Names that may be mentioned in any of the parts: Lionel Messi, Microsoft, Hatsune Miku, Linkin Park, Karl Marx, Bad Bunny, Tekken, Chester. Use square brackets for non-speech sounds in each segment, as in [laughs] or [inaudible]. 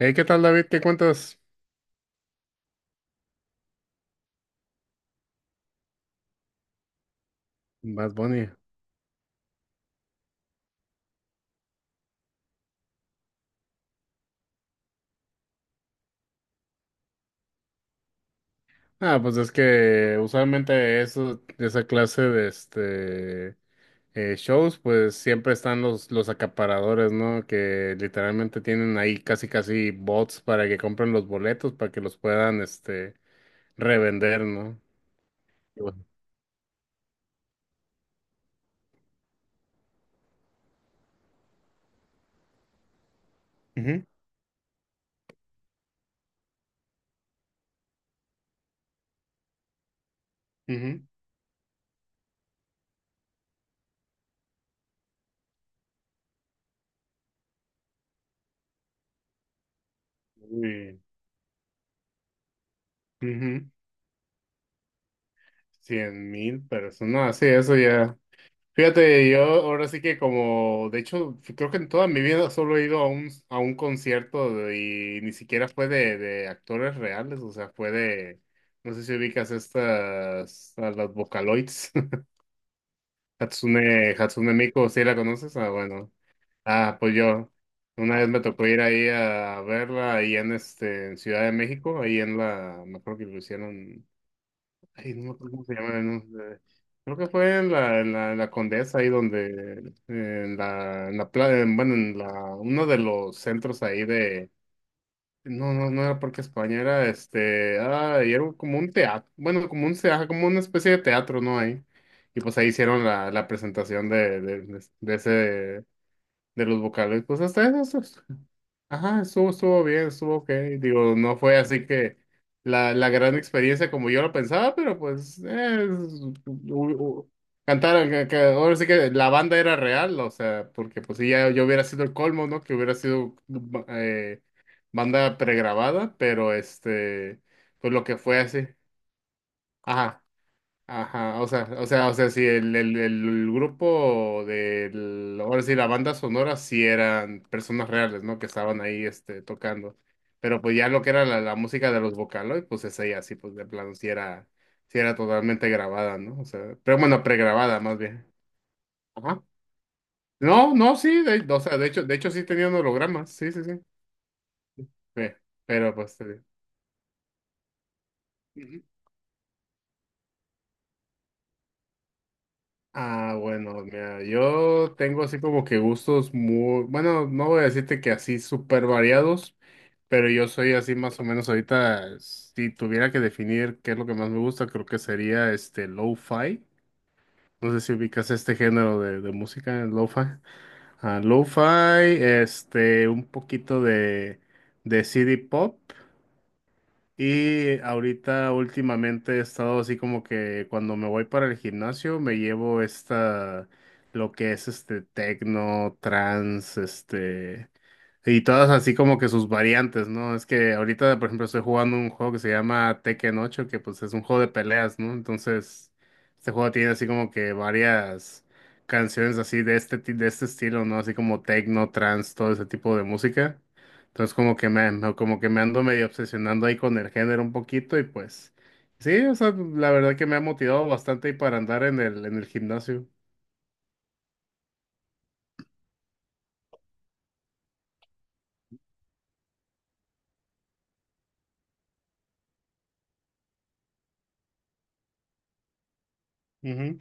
Hey, ¿qué tal, David? ¿Qué cuentas? Más Bunny. Ah, pues es que usualmente eso, esa clase de este shows, pues siempre están los acaparadores, ¿no? Que literalmente tienen ahí casi casi bots para que compren los boletos, para que los puedan este revender, ¿no? Y bueno. Ujú, ujú. Uy, ujú. 100,000 personas. No, sí, eso ya. Fíjate, yo ahora sí que como, de hecho, creo que en toda mi vida solo he ido a a un concierto y ni siquiera fue de actores reales, o sea, fue de, no sé si ubicas estas, a las Vocaloids, [laughs] Hatsune Miku, ¿sí la conoces? Ah, bueno. Ah, pues yo, una vez me tocó ir ahí a verla ahí en este, en Ciudad de México, ahí en la, me acuerdo que lo hicieron. Ay, no me acuerdo cómo se llama. No, eh, creo que fue en la, en la, en la Condesa, ahí donde, en la bueno, en la, uno de los centros ahí de, no, no, no era Parque España, era este, ah, y era como un teatro, bueno, como un, como una especie de teatro, ¿no? Ahí. Y pues ahí hicieron la, la presentación de ese, de los vocales. Pues hasta eso, ajá, estuvo bien, estuvo ok. Digo, no fue así que la gran experiencia como yo lo pensaba, pero pues u- cantaron, que ahora sí que la banda era real, o sea, porque pues sí, ya yo hubiera sido el colmo, ¿no? Que hubiera sido mm, eh, banda pregrabada, pero este, pues lo que fue así. Ajá. Ajá, o sea, sí, el grupo del, ahora sí, la banda sonora sí eran personas reales, ¿no? Que estaban ahí, este, tocando. Pero pues ya lo que era la, la música de los Vocaloid, pues esa ya sí, pues de plano sí era totalmente grabada, ¿no? O sea, pero bueno, pregrabada más bien. Ajá. No, no, sí, de, o sea, de hecho sí tenían hologramas, sí, sí, sí. Pe- Pero pues, sí. Ah, bueno, mira, yo tengo así como que gustos muy, bueno, no voy a decirte que así súper variados, pero yo soy así más o menos ahorita, si tuviera que definir qué es lo que más me gusta, creo que sería este lo-fi. No sé si ubicas este género de música, lo-fi. Ah, lo-fi, este, un poquito de CD pop y ahorita últimamente he estado así como que cuando me voy para el gimnasio me llevo esta, lo que es este tecno, trance, este, y todas así como que sus variantes, ¿no? Es que ahorita, por ejemplo, estoy jugando un juego que se llama Tekken 8 que pues es un juego de peleas, ¿no? Entonces, este juego tiene así como que varias canciones así de este, de este estilo, ¿no? Así como techno trance, todo ese tipo de música. Entonces como que como que me ando medio obsesionando ahí con el género un poquito y pues sí, o sea, la verdad que me ha motivado bastante ahí para andar en el gimnasio. Ujú.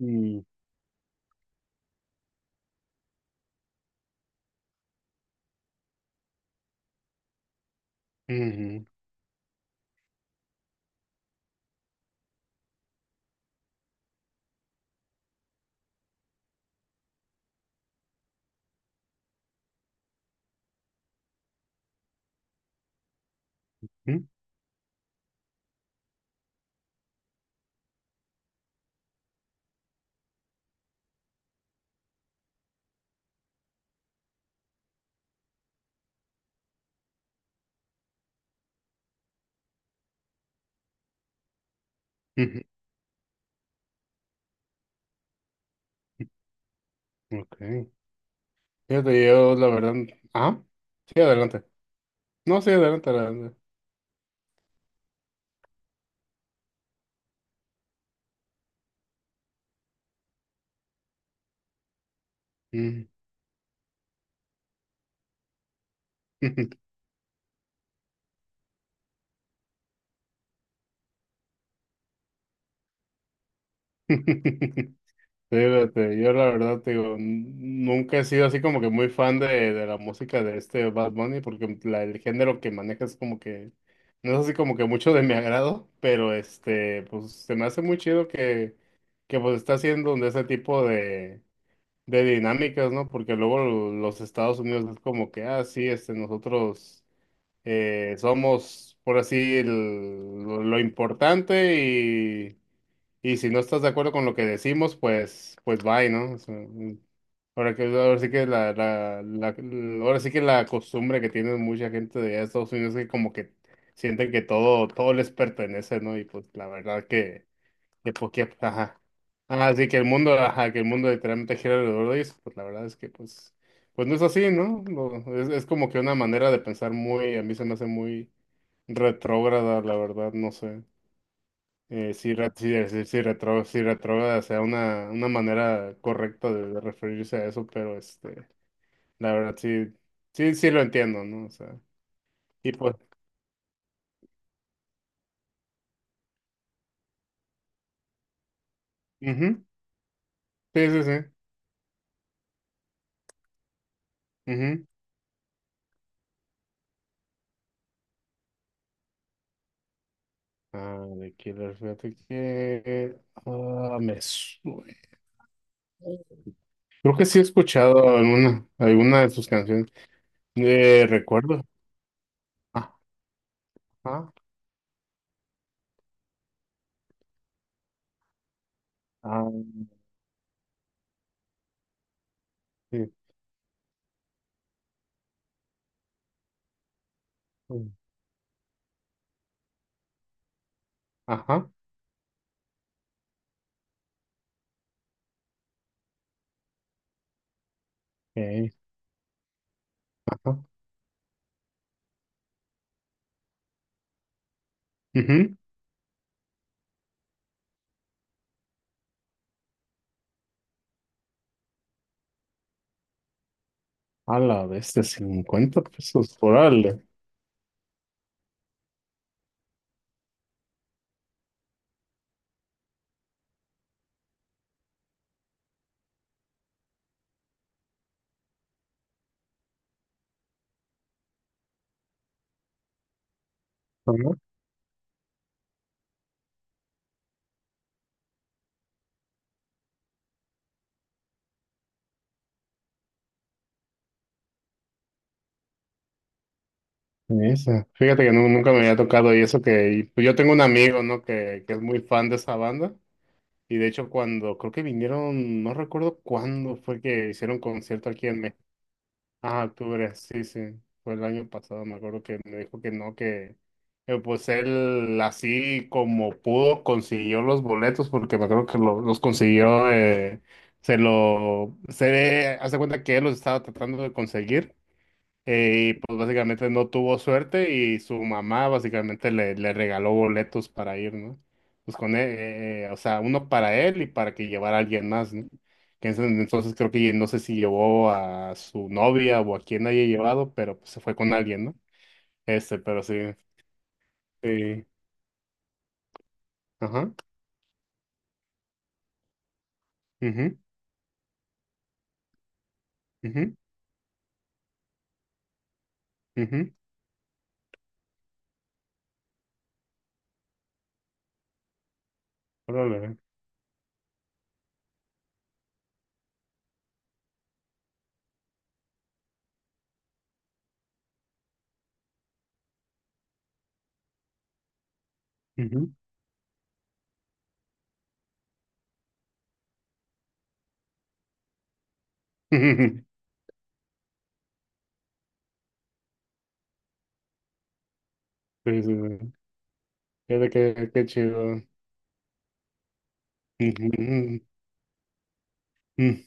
Mm, ujú, ujú, ujú. Ok. Fíjate, yo la verdad, ah, sí, adelante. No, sí, adelante, adelante. Mm. [laughs] Fíjate, yo la verdad te digo, nunca he sido así como que muy fan de la música de este Bad Bunny, porque el género que maneja es como que, no es así como que mucho de mi agrado, pero este, pues se me hace muy chido que pues está haciendo de ese tipo de dinámicas, ¿no? Porque luego los Estados Unidos es como que, ah, sí, este, nosotros. Somos, por así, lo importante y si no estás de acuerdo con lo que decimos, pues, bye, ¿no? O sea, ahora que, ahora sí que la- ahora sí que la costumbre que tiene mucha gente de allá de Estados Unidos es que como que sienten que todo, todo les pertenece, ¿no? Y pues la verdad que, ajá. Así que el mundo, ajá, que el mundo literalmente gira alrededor de eso, pues la verdad es que pues no es así, ¿no? Es como que una manera de pensar muy, a mí se me hace muy retrógrada, la verdad, no sé. Si retrógrada sea una manera correcta de referirse a eso, pero este, la verdad sí, sí, sí lo entiendo, ¿no? O sea, y pues, ujú, sí, sí, sí. Ujú. Ah, de Killer, fíjate que me suena. Creo que sí he escuchado alguna de sus canciones. Recuerdo. Ajá. Ah, sí, mm, ajá. eh, ajá. Ujú. A la bestia, 50 pesos. Órale. Ajá, esa. Fíjate que nunca me había tocado y eso que y, pues, yo tengo un amigo, ¿no? Que es muy fan de esa banda. Y de hecho cuando creo que vinieron, no recuerdo cuándo fue que hicieron concierto aquí en México. Ah, octubre, sí, sí. Fue el año pasado, me acuerdo que me dijo que no, que pues él así como pudo consiguió los boletos, porque me acuerdo que los consiguió, se lo, se hace cuenta que él los estaba tratando de conseguir. Y pues básicamente no tuvo suerte y su mamá básicamente le regaló boletos para ir, ¿no? Pues con él, o sea, uno para él y para que llevara a alguien más, ¿no? Que en ese entonces creo que no sé si llevó a su novia o a quien haya llevado, pero pues se fue con alguien, ¿no? Este, pero sí, sí, ajá, mhm, mhm, mhm, órale, ujú. [laughs] Sí, sí, sí. Fíjate qué, qué chido. Ujú, ujú,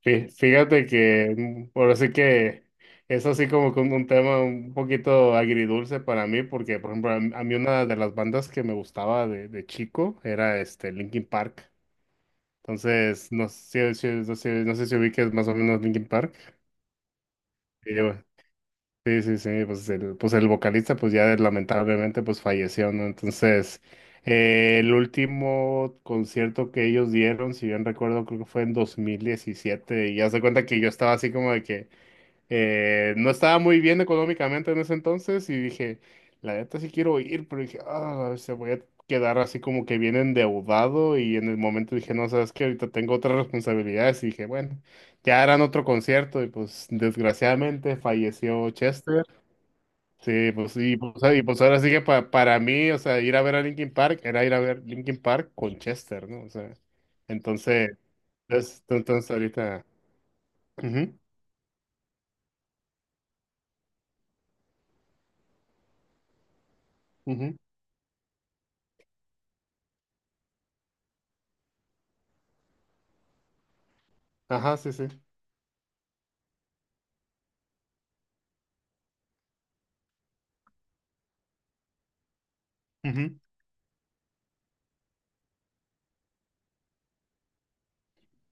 Fíjate que ahora sí que es así como que un tema un poquito agridulce para mí, porque por ejemplo a mí una de las bandas que me gustaba de chico era este Linkin Park. Entonces, no sé si ubiques más o menos Linkin Park. Y yo, sí, sí, sí, pues el vocalista pues ya lamentablemente pues falleció, ¿no? Entonces, el último concierto que ellos dieron, si bien recuerdo, creo que fue en 2017 y ya se cuenta que yo estaba así como de que no estaba muy bien económicamente en ese entonces y dije, la neta sí quiero ir, pero dije, ah, se voy a quedar así como que bien endeudado y en el momento dije, no, sabes que ahorita tengo otras responsabilidades y dije, bueno, ya harán otro concierto y pues desgraciadamente falleció Chester. Sí, pues y pues, y, pues, ahora sí que para mí, o sea, ir a ver a Linkin Park era ir a ver Linkin Park con Chester, ¿no? O sea, entonces, ahorita... Ujú, ujú, ajá, sí, sí. Ujú.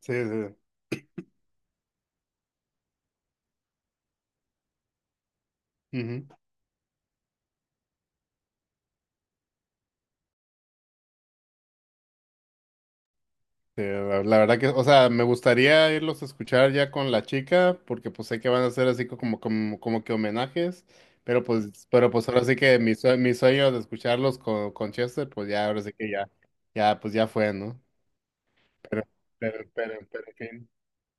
Sí, sí. Ujú. Eh, la verdad que, o sea, me gustaría irlos a escuchar ya con la chica, porque pues sé que van a hacer así como que homenajes, pero pues ahora sí que mi sueño de escucharlos con Chester, pues ya, ahora sí que ya, ya, pues ya fue, ¿no? Pero, pero, en fin.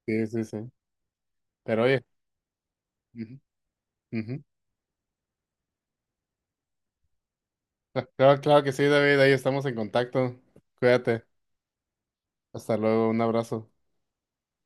Sí, sí, sí. Pero oye, ujú, ujú. Claro, claro que sí, David, ahí estamos en contacto. Cuídate. Hasta luego, un abrazo.